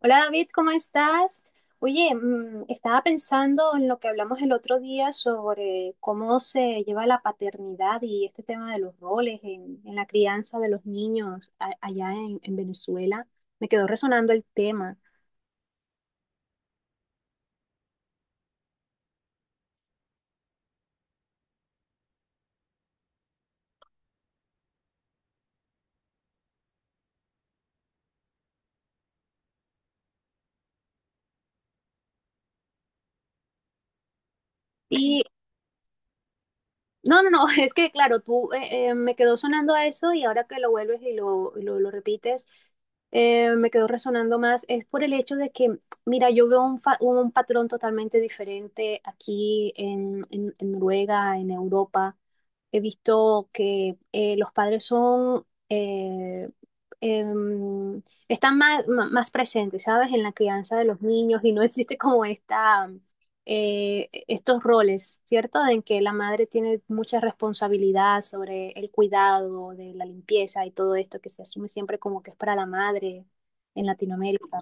Hola David, ¿cómo estás? Oye, estaba pensando en lo que hablamos el otro día sobre cómo se lleva la paternidad y este tema de los roles en la crianza de los niños allá en Venezuela. Me quedó resonando el tema. Y no, no, no, es que claro, tú me quedó sonando a eso y ahora que lo vuelves y lo repites, me quedó resonando más. Es por el hecho de que, mira, yo veo un patrón totalmente diferente aquí en Noruega, en Europa. He visto que los padres son, em, están más presentes, ¿sabes? En la crianza de los niños y no existe como esta estos roles, ¿cierto? En que la madre tiene mucha responsabilidad sobre el cuidado, de la limpieza y todo esto que se asume siempre como que es para la madre en Latinoamérica,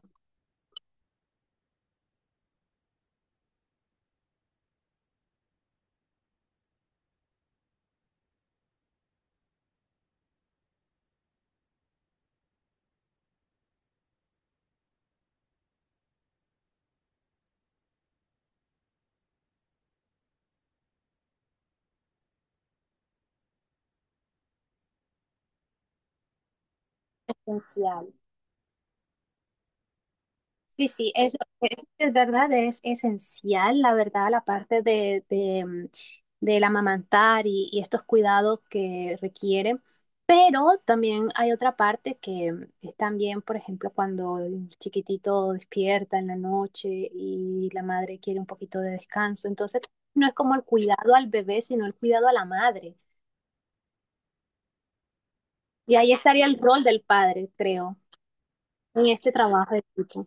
esencial. Sí, sí, eso es verdad, es esencial, la verdad, la parte de del amamantar y estos cuidados que requiere, pero también hay otra parte que es también, por ejemplo, cuando el chiquitito despierta en la noche y la madre quiere un poquito de descanso, entonces no es como el cuidado al bebé, sino el cuidado a la madre. Y ahí estaría el rol del padre, creo, en este trabajo de equipo.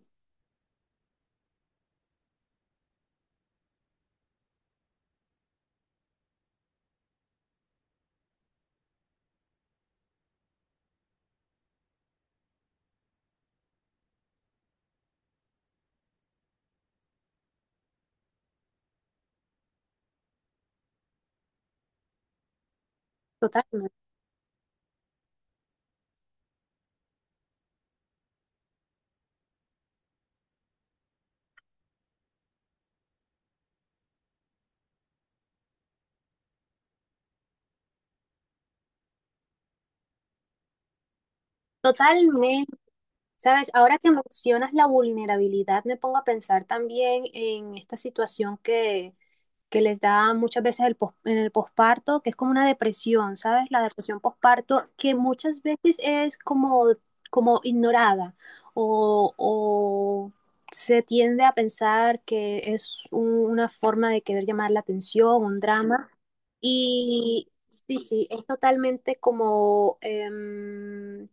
Totalmente. Totalmente. Sabes, ahora que mencionas la vulnerabilidad, me pongo a pensar también en esta situación que les da muchas veces el en el posparto, que es como una depresión, ¿sabes? La depresión posparto, que muchas veces es como, como ignorada o se tiende a pensar que es una forma de querer llamar la atención, un drama. Y sí, sí, es totalmente como... em,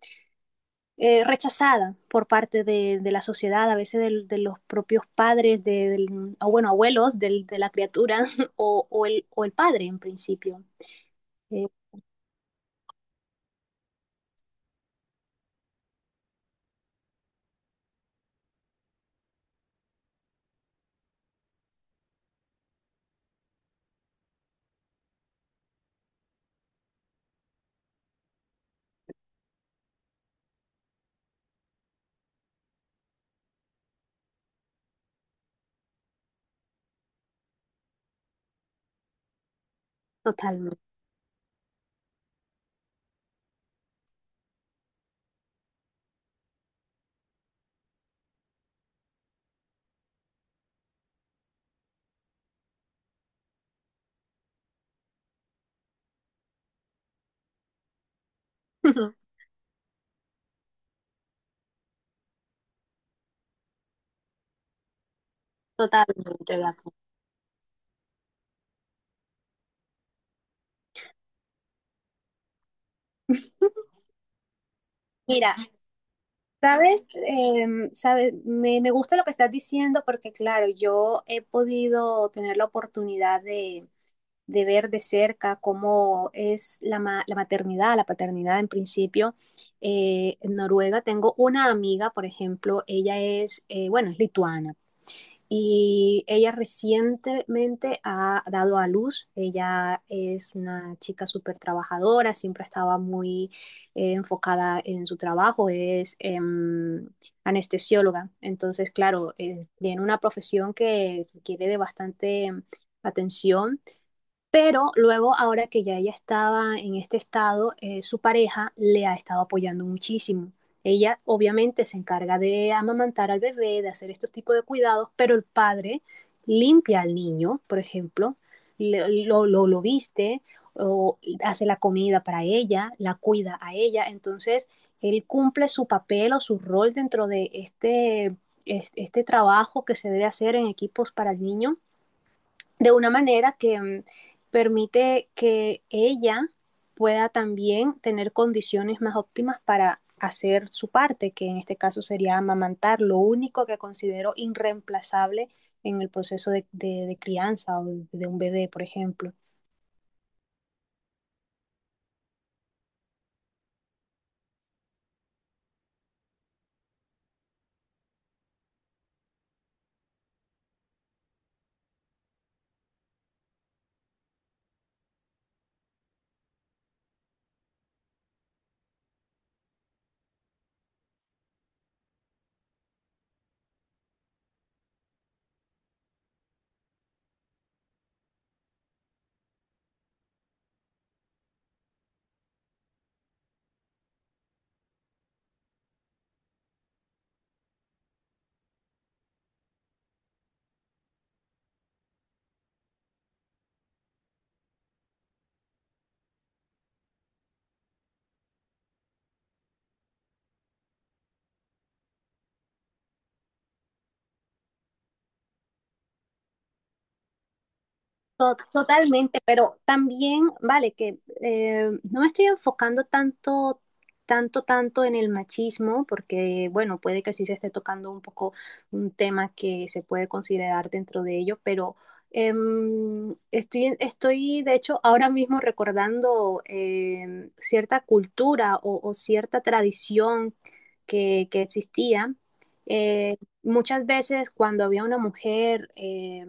eh, rechazada por parte de la sociedad, a veces de los propios padres, o bueno, abuelos de la criatura o el padre en principio. Eh, totalmente. Relax. Mira, sabes, sabes me, me gusta lo que estás diciendo porque claro, yo he podido tener la oportunidad de ver de cerca cómo es la maternidad, la paternidad en principio. En Noruega tengo una amiga, por ejemplo, bueno, es lituana y ella recientemente ha dado a luz. Ella es una chica súper trabajadora, siempre estaba muy enfocada en su trabajo, es anestesióloga. Entonces, claro, es, tiene una profesión que requiere de bastante atención pero luego, ahora que ya ella estaba en este estado, su pareja le ha estado apoyando muchísimo. Ella obviamente se encarga de amamantar al bebé, de hacer estos tipos de cuidados, pero el padre limpia al niño, por ejemplo, lo viste o hace la comida para ella, la cuida a ella. Entonces, él cumple su papel o su rol dentro de este, este trabajo que se debe hacer en equipos para el niño de una manera que permite que ella pueda también tener condiciones más óptimas para hacer su parte, que en este caso sería amamantar, lo único que considero irreemplazable en el proceso de crianza o de un bebé, por ejemplo. Totalmente, pero también, vale, que no me estoy enfocando tanto en el machismo, porque, bueno, puede que sí se esté tocando un poco un tema que se puede considerar dentro de ello, pero estoy, de hecho, ahora mismo recordando cierta cultura o cierta tradición que existía. eh, muchas veces cuando había una mujer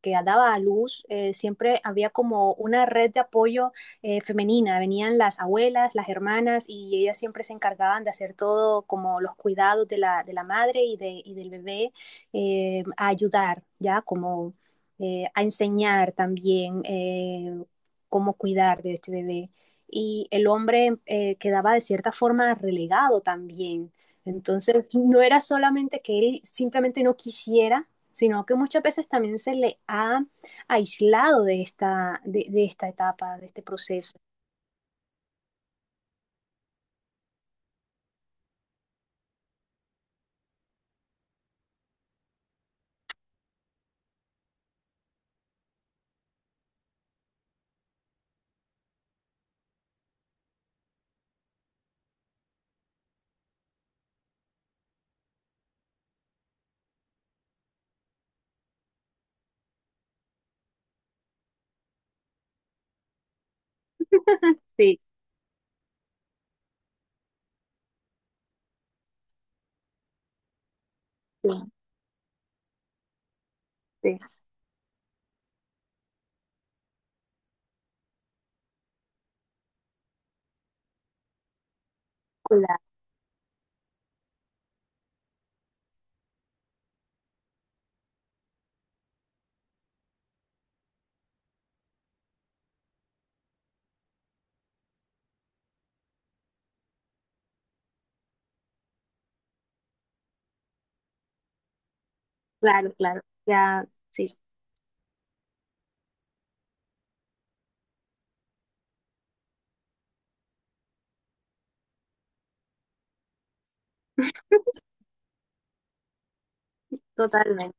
que daba a luz, siempre había como una red de apoyo femenina. Venían las abuelas, las hermanas y ellas siempre se encargaban de hacer todo como los cuidados de de la madre y del bebé, a ayudar, ¿ya? Como a enseñar también cómo cuidar de este bebé. Y el hombre quedaba de cierta forma relegado también entonces, no era solamente que él simplemente no quisiera, sino que muchas veces también se le ha aislado de esta, de esta etapa, de este proceso. Sí, sí, sí, claro, claro, claro, ya, sí, totalmente.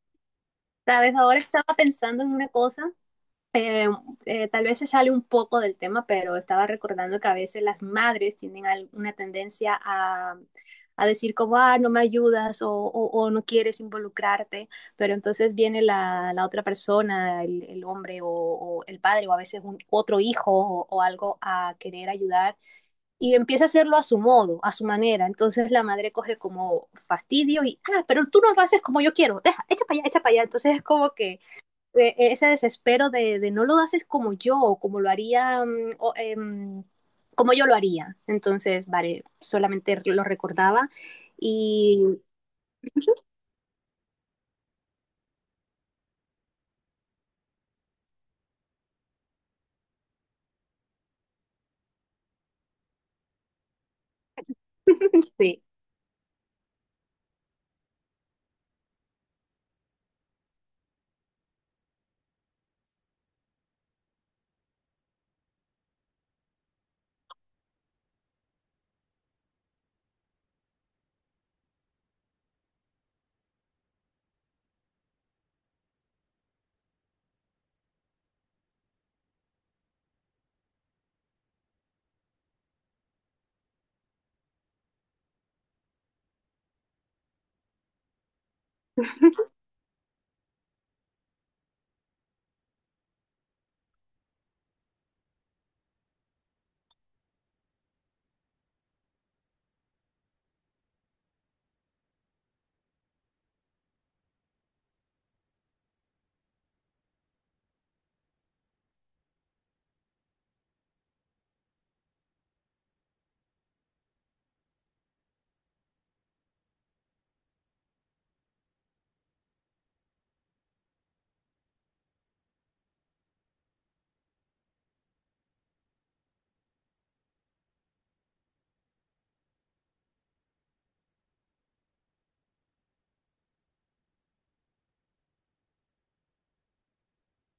Sabes, ahora estaba pensando en una cosa eh, tal vez se sale un poco del tema, pero estaba recordando que a veces las madres tienen alguna tendencia a decir como, ah, no me ayudas o no quieres involucrarte, pero entonces viene la otra persona, el hombre el padre o a veces otro hijo o algo a querer ayudar y empieza a hacerlo a su modo, a su manera. Entonces la madre coge como fastidio y, ah, pero tú no lo haces como yo quiero, deja, echa para allá, echa para allá. Entonces es como que ese desespero de no lo haces como yo, o como lo haría, como yo lo haría. Entonces, vale, solamente lo recordaba. Y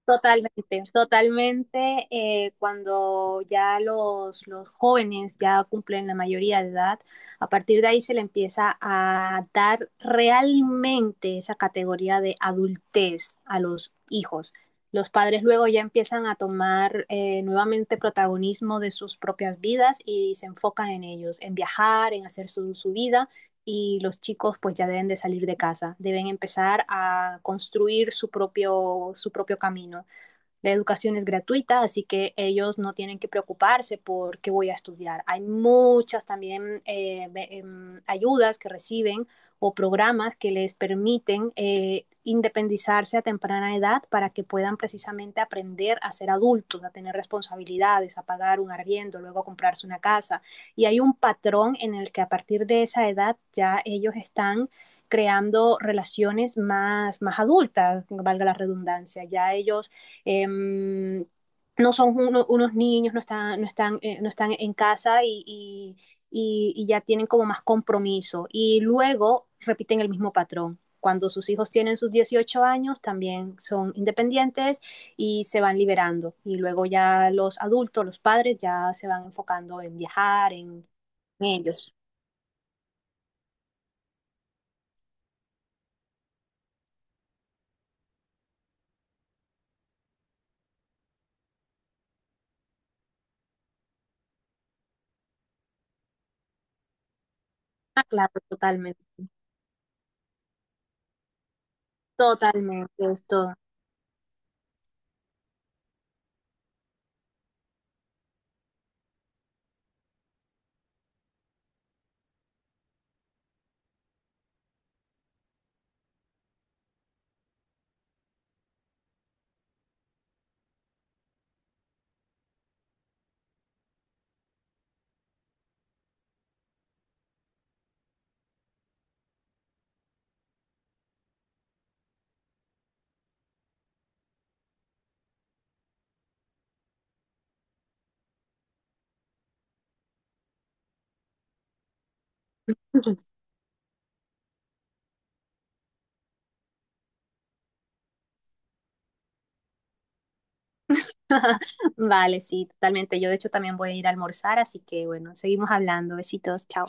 totalmente, totalmente. Cuando ya los jóvenes ya cumplen la mayoría de edad, a partir de ahí se le empieza a dar realmente esa categoría de adultez a los hijos. Los padres luego ya empiezan a tomar nuevamente protagonismo de sus propias vidas y se enfocan en ellos, en viajar, en hacer su vida y los chicos pues ya deben de salir de casa, deben empezar a construir su propio camino la educación es gratuita, así que ellos no tienen que preocuparse por qué voy a estudiar. Hay muchas también ayudas que reciben o programas que les permiten independizarse a temprana edad para que puedan precisamente aprender a ser adultos, a tener responsabilidades, a pagar un arriendo, luego a comprarse una casa. Y hay un patrón en el que a partir de esa edad ya ellos están creando relaciones más adultas, valga la redundancia. Ya ellos eh, no son unos niños, no están en casa y ya tienen como más compromiso. Y luego repiten el mismo patrón. Cuando sus hijos tienen sus 18 años, también son independientes y se van liberando. Y luego ya los adultos, los padres, ya se van enfocando en viajar, en ellos. Ah, claro, totalmente. Totalmente, esto. Vale, sí, totalmente. Yo de hecho también voy a ir a almorzar, así que bueno, seguimos hablando. Besitos, chao.